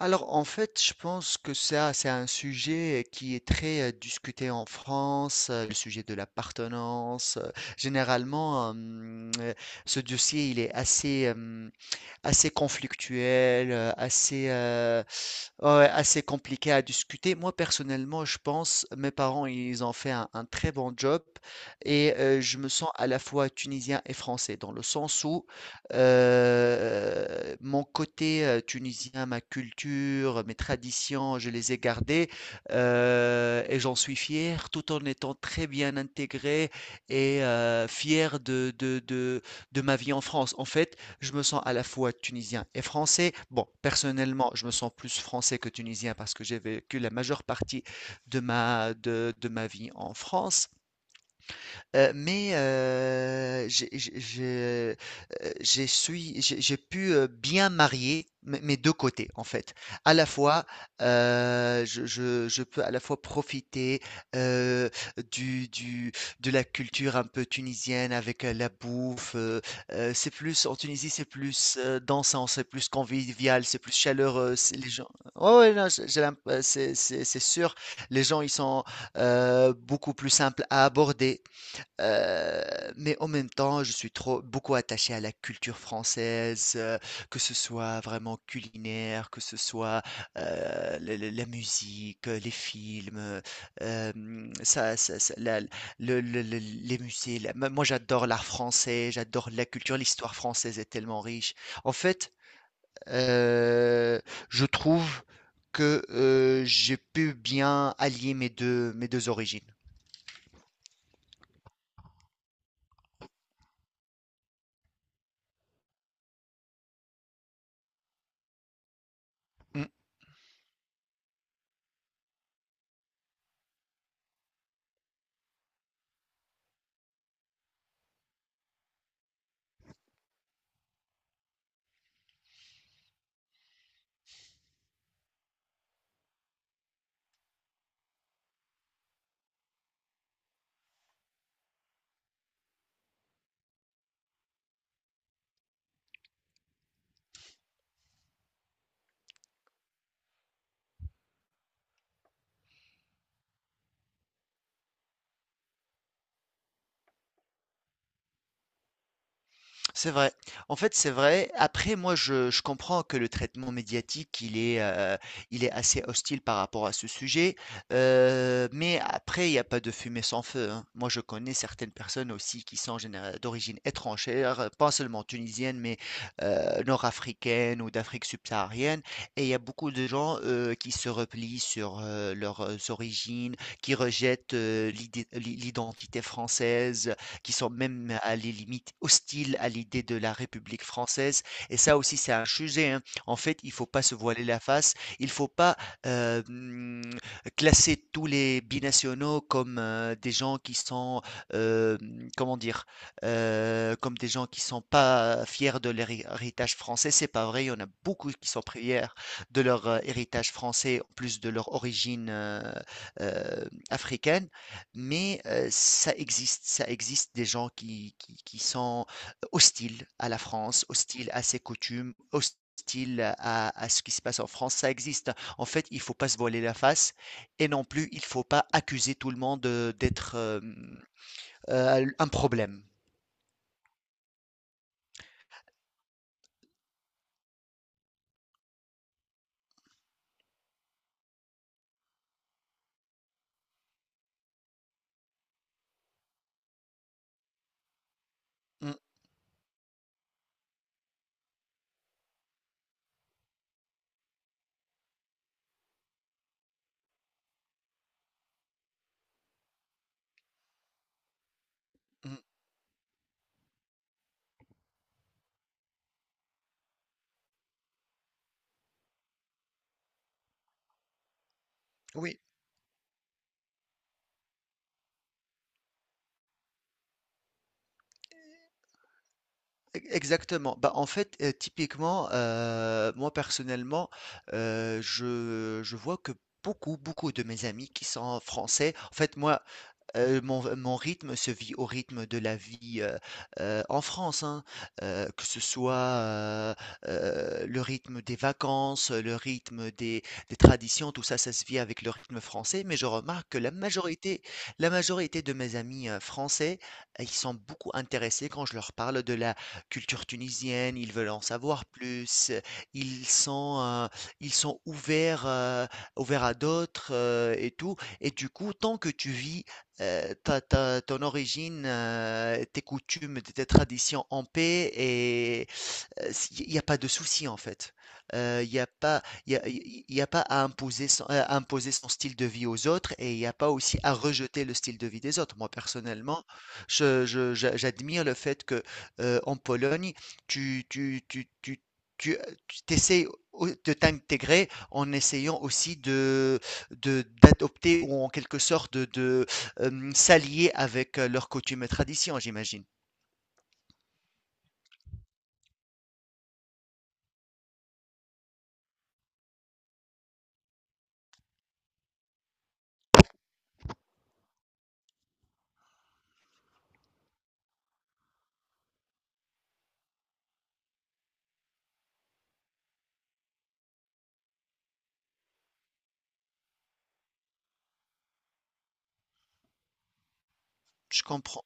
Alors, en fait, je pense que ça, c'est un sujet qui est très discuté en France, le sujet de l'appartenance. Généralement, ce dossier, il est assez conflictuel, assez, ouais, ouais, assez compliqué à discuter. Moi, personnellement, je pense, mes parents, ils ont fait un très bon job et je me sens à la fois tunisien et français, dans le sens où mon côté tunisien, ma culture, mes traditions, je les ai gardées, et j'en suis fier, tout en étant très bien intégré et fier de ma vie en France. En fait, je me sens à la fois tunisien et français. Bon, personnellement, je me sens plus français que tunisien parce que j'ai vécu la majeure partie de ma vie en France. Mais j'ai je, heu, j'ai suis j'ai pu, bien marier mes deux côtés, en fait. À la fois, je peux à la fois profiter, heu, du de la culture un peu tunisienne avec, la bouffe. C'est plus en Tunisie, c'est plus, dansant, c'est plus convivial, c'est plus chaleureux, c'est les gens. Ouais, ouais, non, j'ai l'imp c'est sûr, les gens, ils sont, beaucoup plus simples à aborder. Mais en même temps, je suis trop beaucoup attaché à la culture française, que ce soit vraiment culinaire, que ce soit, le la musique, les films, ça ça ça la le les musées. La Moi j'adore l'art français, j'adore la culture, l'histoire française est tellement riche. En fait, heu, je trouve que, j'ai pu bien allier mes 2 origines. Mmh. C'est vrai. En fait, c'est vrai. Après, moi, je comprends que le traitement médiatique, il est assez hostile par rapport à ce sujet. Mais après, il n'y a pas de fumée sans feu, hein. Moi, je connais certaines personnes aussi qui sont d'origine étrangère, pas seulement tunisienne, mais nord-africaine ou d'Afrique subsaharienne. Et il y a beaucoup de gens qui se replient sur leurs origines, qui rejettent l'identité française, qui sont même à les limites hostiles à l'idée de la République française. Et ça aussi, c'est un sujet, hein. En fait, il faut pas se voiler la face. Il faut pas euh, hum, classer tous les binationaux comme des gens qui sont, comment dire, comme des gens qui sont pas fiers de leur héritage français. C'est pas vrai. Il y en a beaucoup qui sont fiers de leur héritage français, en plus de leur origine euh, africaine. Mais ça existe des gens qui sont hostiles à la France, hostiles à ses coutumes, hostiles à ce qui se passe en France, ça existe. En fait, il faut pas se voiler la face et non plus, il faut pas accuser tout le monde, d'être, hem, un problème. Mmh mh. Oui, exactement. Bah, en fait, typiquement, moi personnellement, je vois que beaucoup, beaucoup de mes amis qui sont français, en fait, moi, mon rythme se vit au rythme de la vie, en France, hein. Que ce soit, le rythme des vacances, le rythme des traditions, tout ça, ça se vit avec le rythme français. Mais je remarque que la majorité de mes amis, français, ils sont beaucoup intéressés quand je leur parle de la culture tunisienne. Ils veulent en savoir plus. Ils sont, heu, ils sont ouverts, ouverts à d'autres, et tout. Et du coup, tant que tu vis ton origine, tes coutumes, tes traditions en paix et, euh, il n'y a pas de souci en fait. Il n'y a pas, il y a pas à imposer son style de vie aux autres et il n'y a pas aussi à rejeter le style de vie des autres. Moi personnellement, j'admire le fait que en Pologne, tu, tu, tu, tu, tu, tu t'essayes de t'intégrer en essayant aussi d'adopter ou en quelque sorte de s'allier avec leurs coutumes et traditions, j'imagine. Je comprends.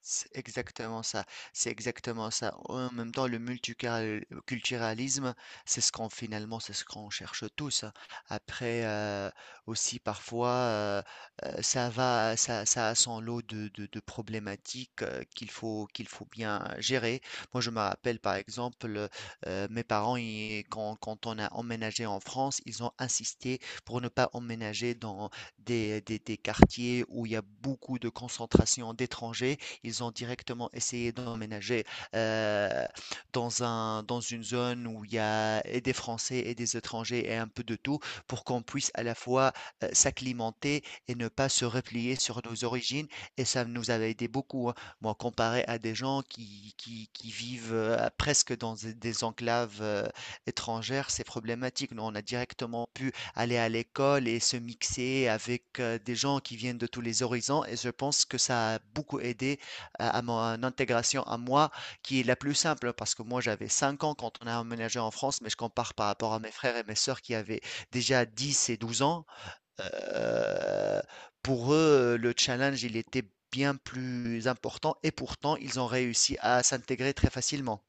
C'est exactement ça, c'est exactement ça. En même temps, le multiculturalisme, c'est ce qu'on finalement, c'est ce qu'on cherche tous, hein. Après, aussi parfois, ça va, ça a son lot de problématiques qu'il faut bien gérer. Moi, je me rappelle par exemple, mes parents, quand on a emménagé en France, ils ont insisté pour ne pas emménager dans des quartiers où il y a beaucoup de concentration d'étrangers. Ils ont directement essayé d'emménager euh, dans une zone où il y a et des Français et des étrangers et un peu de tout pour qu'on puisse à la fois s'acclimater et ne pas se replier sur nos origines. Et ça nous avait aidé beaucoup, hein. Moi, comparé à des gens qui vivent presque dans des enclaves étrangères, c'est problématique. Nous, on a directement pu aller à l'école et se mixer avec des gens qui viennent de tous les horizons. Et je pense que ça a beaucoup aidé à mon intégration à moi, qui est la plus simple, hein, parce que moi j'avais 5 ans quand on a emménagé en France, mais je compare par rapport à mes frères et mes sœurs qui avaient déjà 10 et 12 ans. Euh, pour eux, le challenge, il était bien plus important, et pourtant, ils ont réussi à s'intégrer très facilement.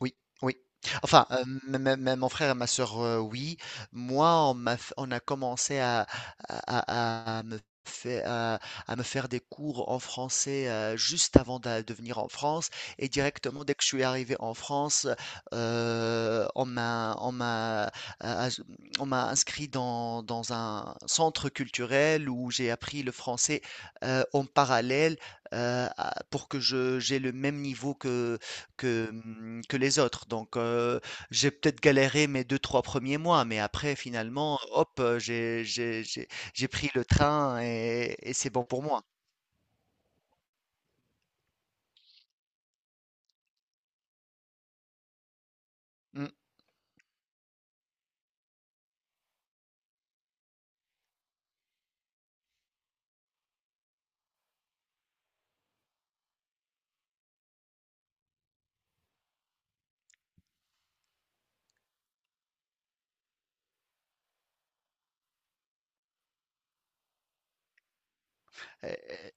Oui, oui. Enfin, même mon frère et ma sœur, oui. Moi, on a commencé à, à- à me faire, à, à me faire des cours en français juste avant venir en France. Et directement, dès que je suis arrivé en France, euh, on m'a, on m'a, euh, as- on m'a inscrit dans, un centre culturel où j'ai appris le français en parallèle, pour que j'ai le même niveau que les autres. Donc, j'ai peut-être galéré mes deux trois premiers mois, mais après finalement, hop, j'ai pris le train et c'est bon pour moi. Mmh. Elle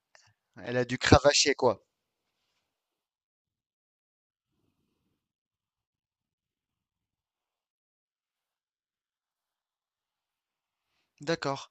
Elle a dû cravacher quoi. D'accord.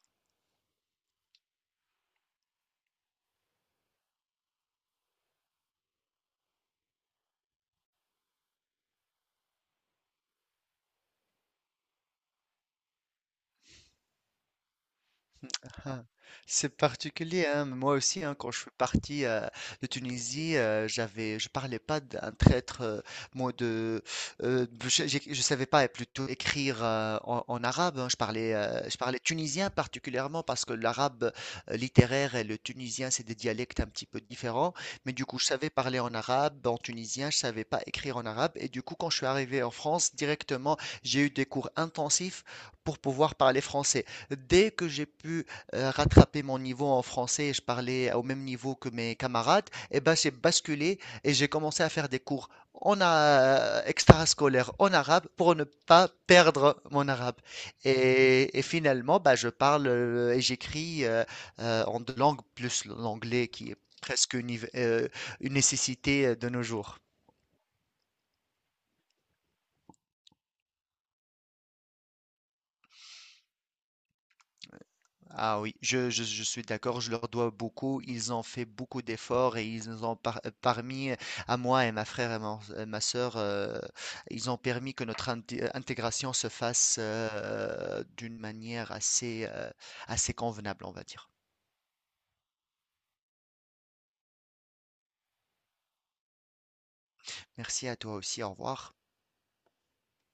Ah, c'est particulier, hein. Moi aussi, hein, quand je suis parti de Tunisie, je parlais pas d'un traître, moi de, je, j'ai- je savais pas plutôt écrire en arabe, hein. Je parlais tunisien particulièrement parce que l'arabe littéraire et le tunisien c'est des dialectes un petit peu différents. Mais du coup, je savais parler en arabe, en tunisien, je savais pas écrire en arabe. Et du coup, quand je suis arrivé en France, directement, j'ai eu des cours intensifs pour pouvoir parler français. Dès que j'ai pu rattraper mon niveau en français et je parlais au même niveau que mes camarades, et ben j'ai basculé et j'ai commencé à faire des cours en extrascolaire en arabe pour ne pas perdre mon arabe. Et finalement, bah, je parle et j'écris en deux langues plus l'anglais qui est presque une nécessité de nos jours. Ah oui, je suis d'accord, je leur dois beaucoup. Ils ont fait beaucoup d'efforts et ils nous ont à moi et ma frère et sœur, ils ont permis que notre intégration se fasse d'une manière assez convenable, on va dire. Merci à toi aussi, au revoir.